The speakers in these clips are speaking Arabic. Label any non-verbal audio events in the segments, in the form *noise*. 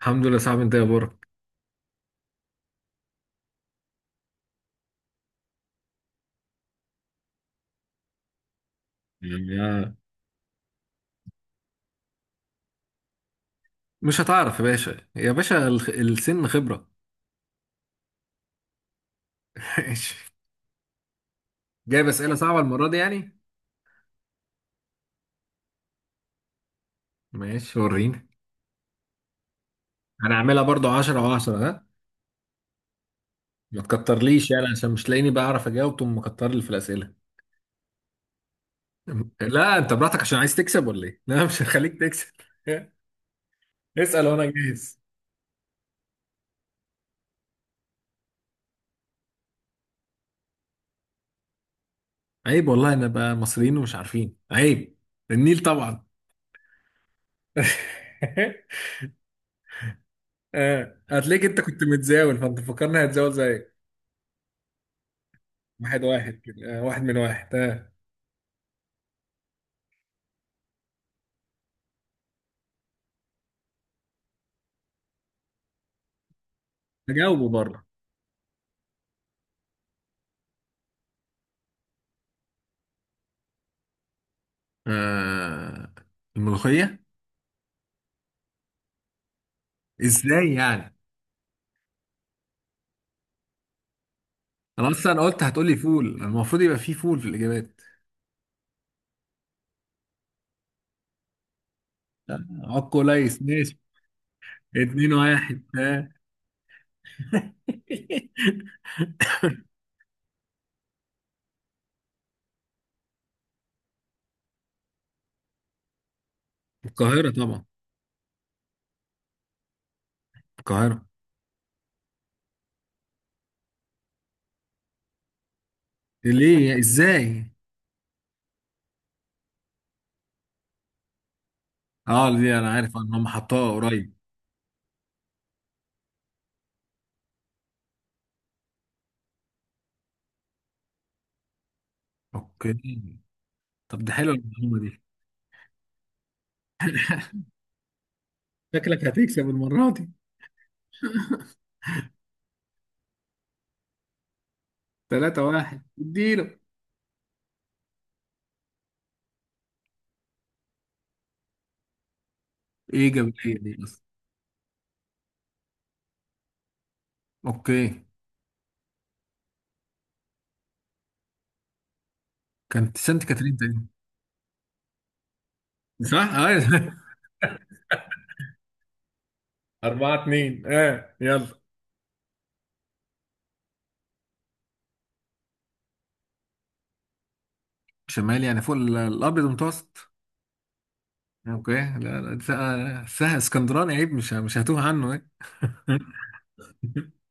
الحمد لله، صعب انت يا برك. يعني مش هتعرف يا باشا يا باشا، السن خبرة. *laughs* ماشي. جايب اسئلة صعبة المرة دي يعني. ماشي وريني. هنعملها برضو 10 و10، ها؟ ما تكترليش يعني عشان مش لاقيني بعرف اجاوب تقوم مكتر لي في الاسئلة. لا انت براحتك، عشان عايز تكسب ولا ايه؟ لا، مش هخليك تكسب. *laughs* اسأل وانا جاهز. عيب والله، انا بقى مصريين ومش عارفين، عيب. النيل طبعا. *laughs* اه هتلاقيك، انت كنت متزاول فانت فكرني هتزاول زيك. واحد واحد كده، واحد من واحد. هجاوبه برضه. آه، الملوخية. ازاي يعني؟ انا اصلا قلت هتقولي فول، المفروض يبقى فيه فول في الاجابات. اه كويس، ماشي. اتنين واحد، ها. *laughs* القاهرة طبعا. القاهرة. ليه؟ ازاي؟ اه دي انا عارف ان هم حطوها قريب. اوكي. طب ده حلوة المعلومة دي. شكلك هتكسب المرة دي. تلاتة واحد، اديله. ايه جاب ايه دي اصلا؟ اوكي. كانت سانت كاترين تاني. صح؟ ايوه. *laughs* أربعة اتنين، اه يلا. شمال يعني فوق الابيض المتوسط. اوكي، لا لا، ده- سه اسكندراني، عيب، مش هتوه عنه، ايه. *laughs*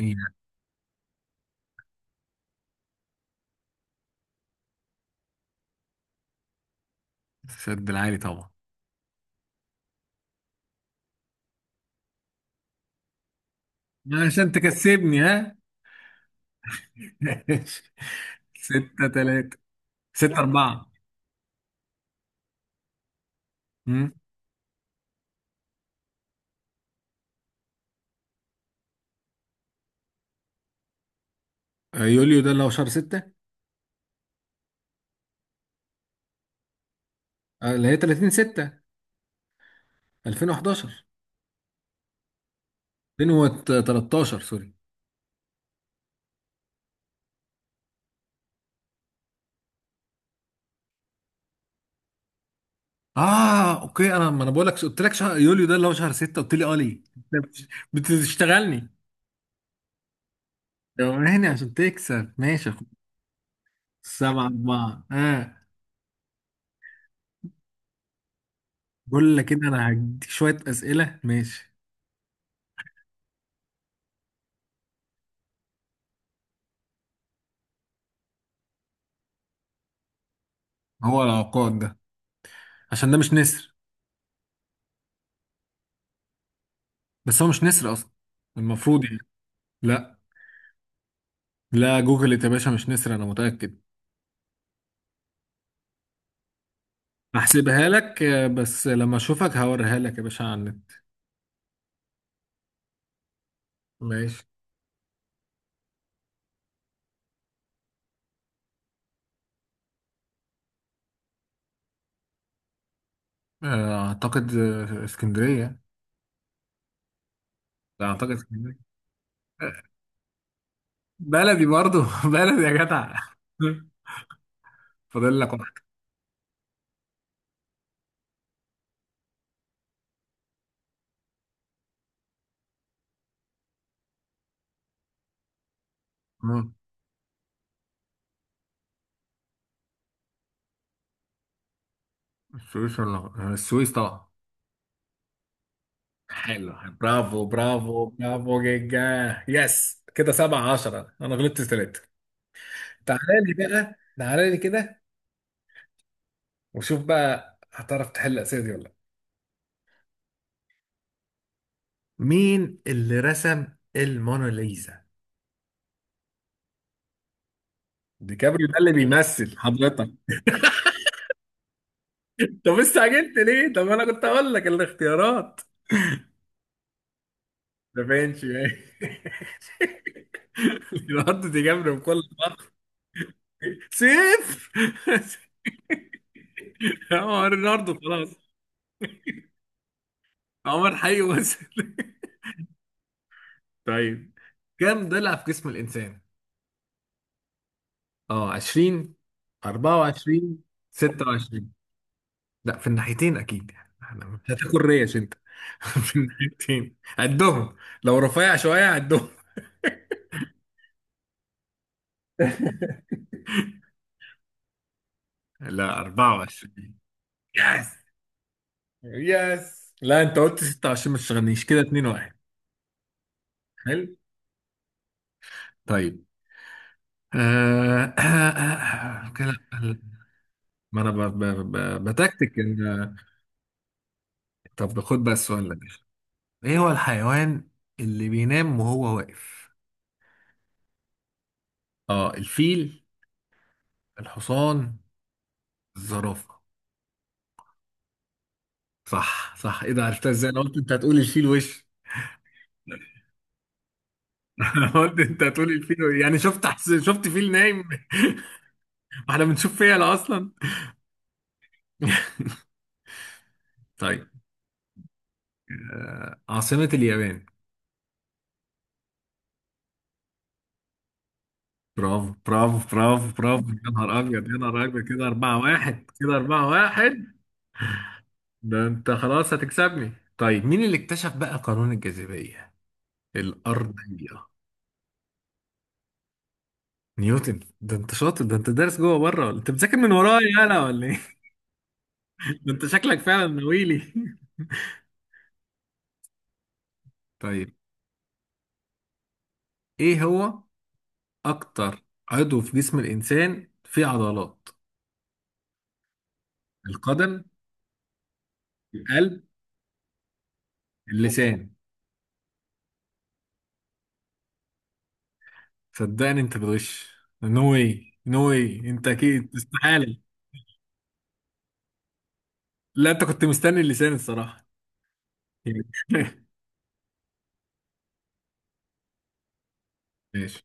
إيه. سد العالي طبعا. عشان تكسبني، ها. *laughs* ماشي. ستة تلاتة. ستة أربعة. أمم. يوليو ده اللي هو شهر ستة. اللي هي 30 ستة. 2011. 2013، سوري. اه اوكي، انا، ما انا بقول لك، قلت لك شهر يوليو ده اللي هو شهر ستة، قلت لي اه ليه؟ *laughs* بتشتغلني، دواني عشان تكسب. ماشي يا أخويا. سبعة أربعة. بقول لك كده أنا هديك شوية أسئلة، ماشي. هو العقاد ده؟ عشان ده مش نسر. بس هو مش نسر أصلا، المفروض يعني. لا. لا جوجل يا باشا، مش نسر، أنا متأكد. هحسبها لك بس لما أشوفك هوريها لك يا باشا على النت. ماشي. أعتقد، اسكندرية. لا أعتقد اسكندرية. آه، بلدي برضو. *laughs* بلدي يا جدع. *laughs* فاضل لك واحد. آه، السويس طبعا. حلو. برافو برافو برافو جيجا. يس كده سبعة عشرة، انا غلطت ثلاثة. تعالى لي بقى، تعالى لي كده. وشوف بقى هتعرف تحل الأسئلة دي ولا لا. مين اللي رسم الموناليزا؟ ديكابريو ده اللي بيمثل حضرتك. *laughs* طب استعجلت ليه؟ طب انا كنت اقول لك الاختيارات. ده فينشي يعني. *laughs* ليوناردو دي جابري، بكل فخر. صفر. *laughs* عمر ليوناردو خلاص. عمر حي وصل. *laughs* طيب، كم ضلع في جسم الإنسان؟ اه 20. 24. 26. لا في الناحيتين أكيد يعني، احنا مش هتاكل ريش أنت. *laughs* في الناحيتين عدهم. لو رفيع شوية عدهم. لا 24. يس يس، لا أنت قلت 26، ما تشغلنيش كده. 2 1. حلو. طيب، كده. ما أنا ب- ب- ب- بتكتك إن- طب خد بقى السؤال ده. ايه هو الحيوان اللي بينام وهو واقف؟ اه الفيل. الحصان. الزرافة. صح صح، ايه ده عرفتها ازاي؟ انا قلت انت هتقول الفيل وش. *laughs* انا قلت انت هتقول الفيل وش. يعني شفت فيل نايم؟ *laughs* واحنا بنشوف فيل اصلا؟ *laughs* طيب، عاصمة اليابان. برافو برافو برافو برافو، يا نهار ابيض يا نهار ابيض، كده 4 1، كده 4 1. ده انت خلاص هتكسبني. طيب، مين اللي اكتشف بقى قانون الجاذبية الارض؟ نيوتن. ده انت شاطر، ده انت دارس جوه بره، ولا انت بتذاكر من ورايا انا ولا ايه؟ *laughs* ده انت شكلك فعلا ناويلي. *laughs* طيب، ايه هو اكتر عضو في جسم الانسان فيه عضلات؟ القدم. القلب. اللسان. صدقني انت بتغش. نو واي نو واي، انت اكيد استحالة. لا انت كنت مستني اللسان، الصراحة. يعني. *laughs* ماشي.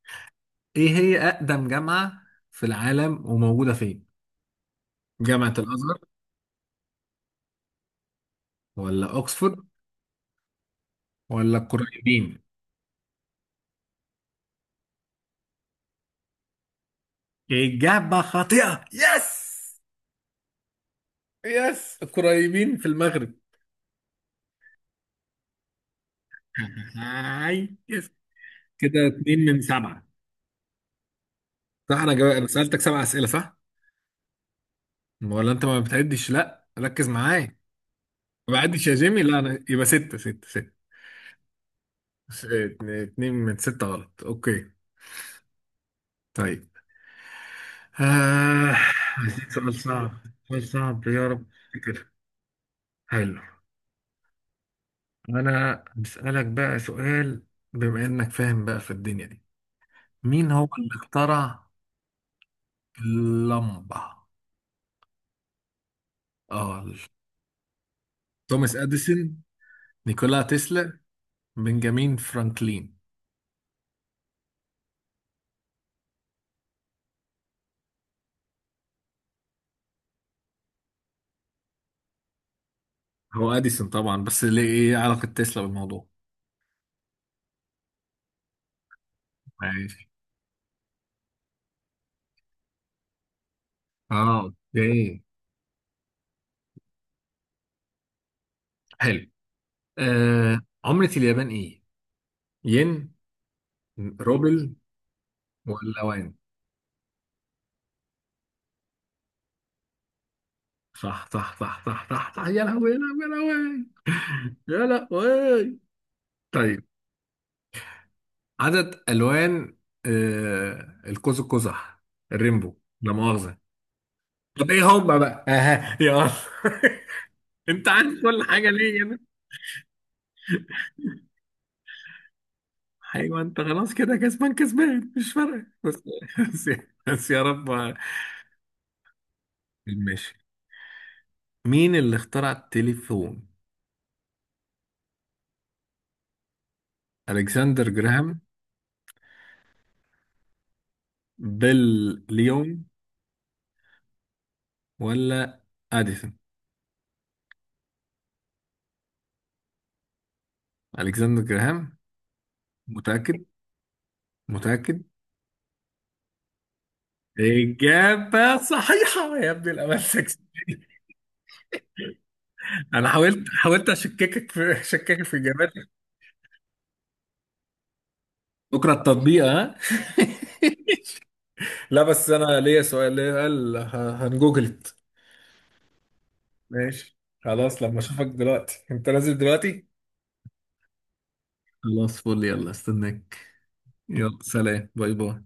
ايه هي اقدم جامعة في العالم وموجودة فين؟ جامعة الازهر، ولا اوكسفورد، ولا القرويين؟ إجابة خاطئة، يس. يس، قريبين في المغرب. هاي يس. كده اتنين من سبعة. صح انا جاوب. أنا سألتك سبع اسئلة، صح؟ ولا انت ما بتعدش؟ لا ركز معايا. ما بعدش يا جيمي، لا انا يبقى ستة ستة ستة. اتنين من ستة غلط، اوكي. طيب آه. سؤال صعب. سؤال صعب يا رب. كده. حلو. أنا بسألك بقى سؤال، بما انك فاهم بقى في الدنيا دي، مين هو اللي اخترع اللمبة؟ اه، توماس اديسون. نيكولا تسلا. بنجامين فرانكلين. هو اديسون طبعا، بس ليه ايه علاقة تسلا بالموضوع؟ ماشي. اه اوكي. حلو. عملة اليابان ايه؟ ين. روبل. ولا وان. صح صح صح صح صح صح، يا لهوي يا لهوي. يا لهوي. يا لهوي. طيب، عدد الوان القوس القزح، الريمبو. لا مؤاخذة. طب ايه هم بقى؟ اها يلا. *laughs* انت عارف كل حاجه ليه يعني؟ ايوه انت خلاص كده كسبان كسبان، مش فارقه. بس. بس. بس يا رب. ماشي، مين اللي اخترع التليفون؟ الكسندر جراهام. بيل. ليون. ولا اديسون. الكسندر جراهام. متاكد؟ متاكد. اجابه صحيحه، يا ابن الامل، سكس. *laughs* انا حاولت اشككك في اجاباتك. بكره التطبيق، ها. *laughs* لا بس انا ليا سؤال، ليا قال هنجوجلت. ماشي خلاص، لما اشوفك دلوقتي، انت نازل دلوقتي. خلاص فل، يلا استناك. يلا سلام، باي باي.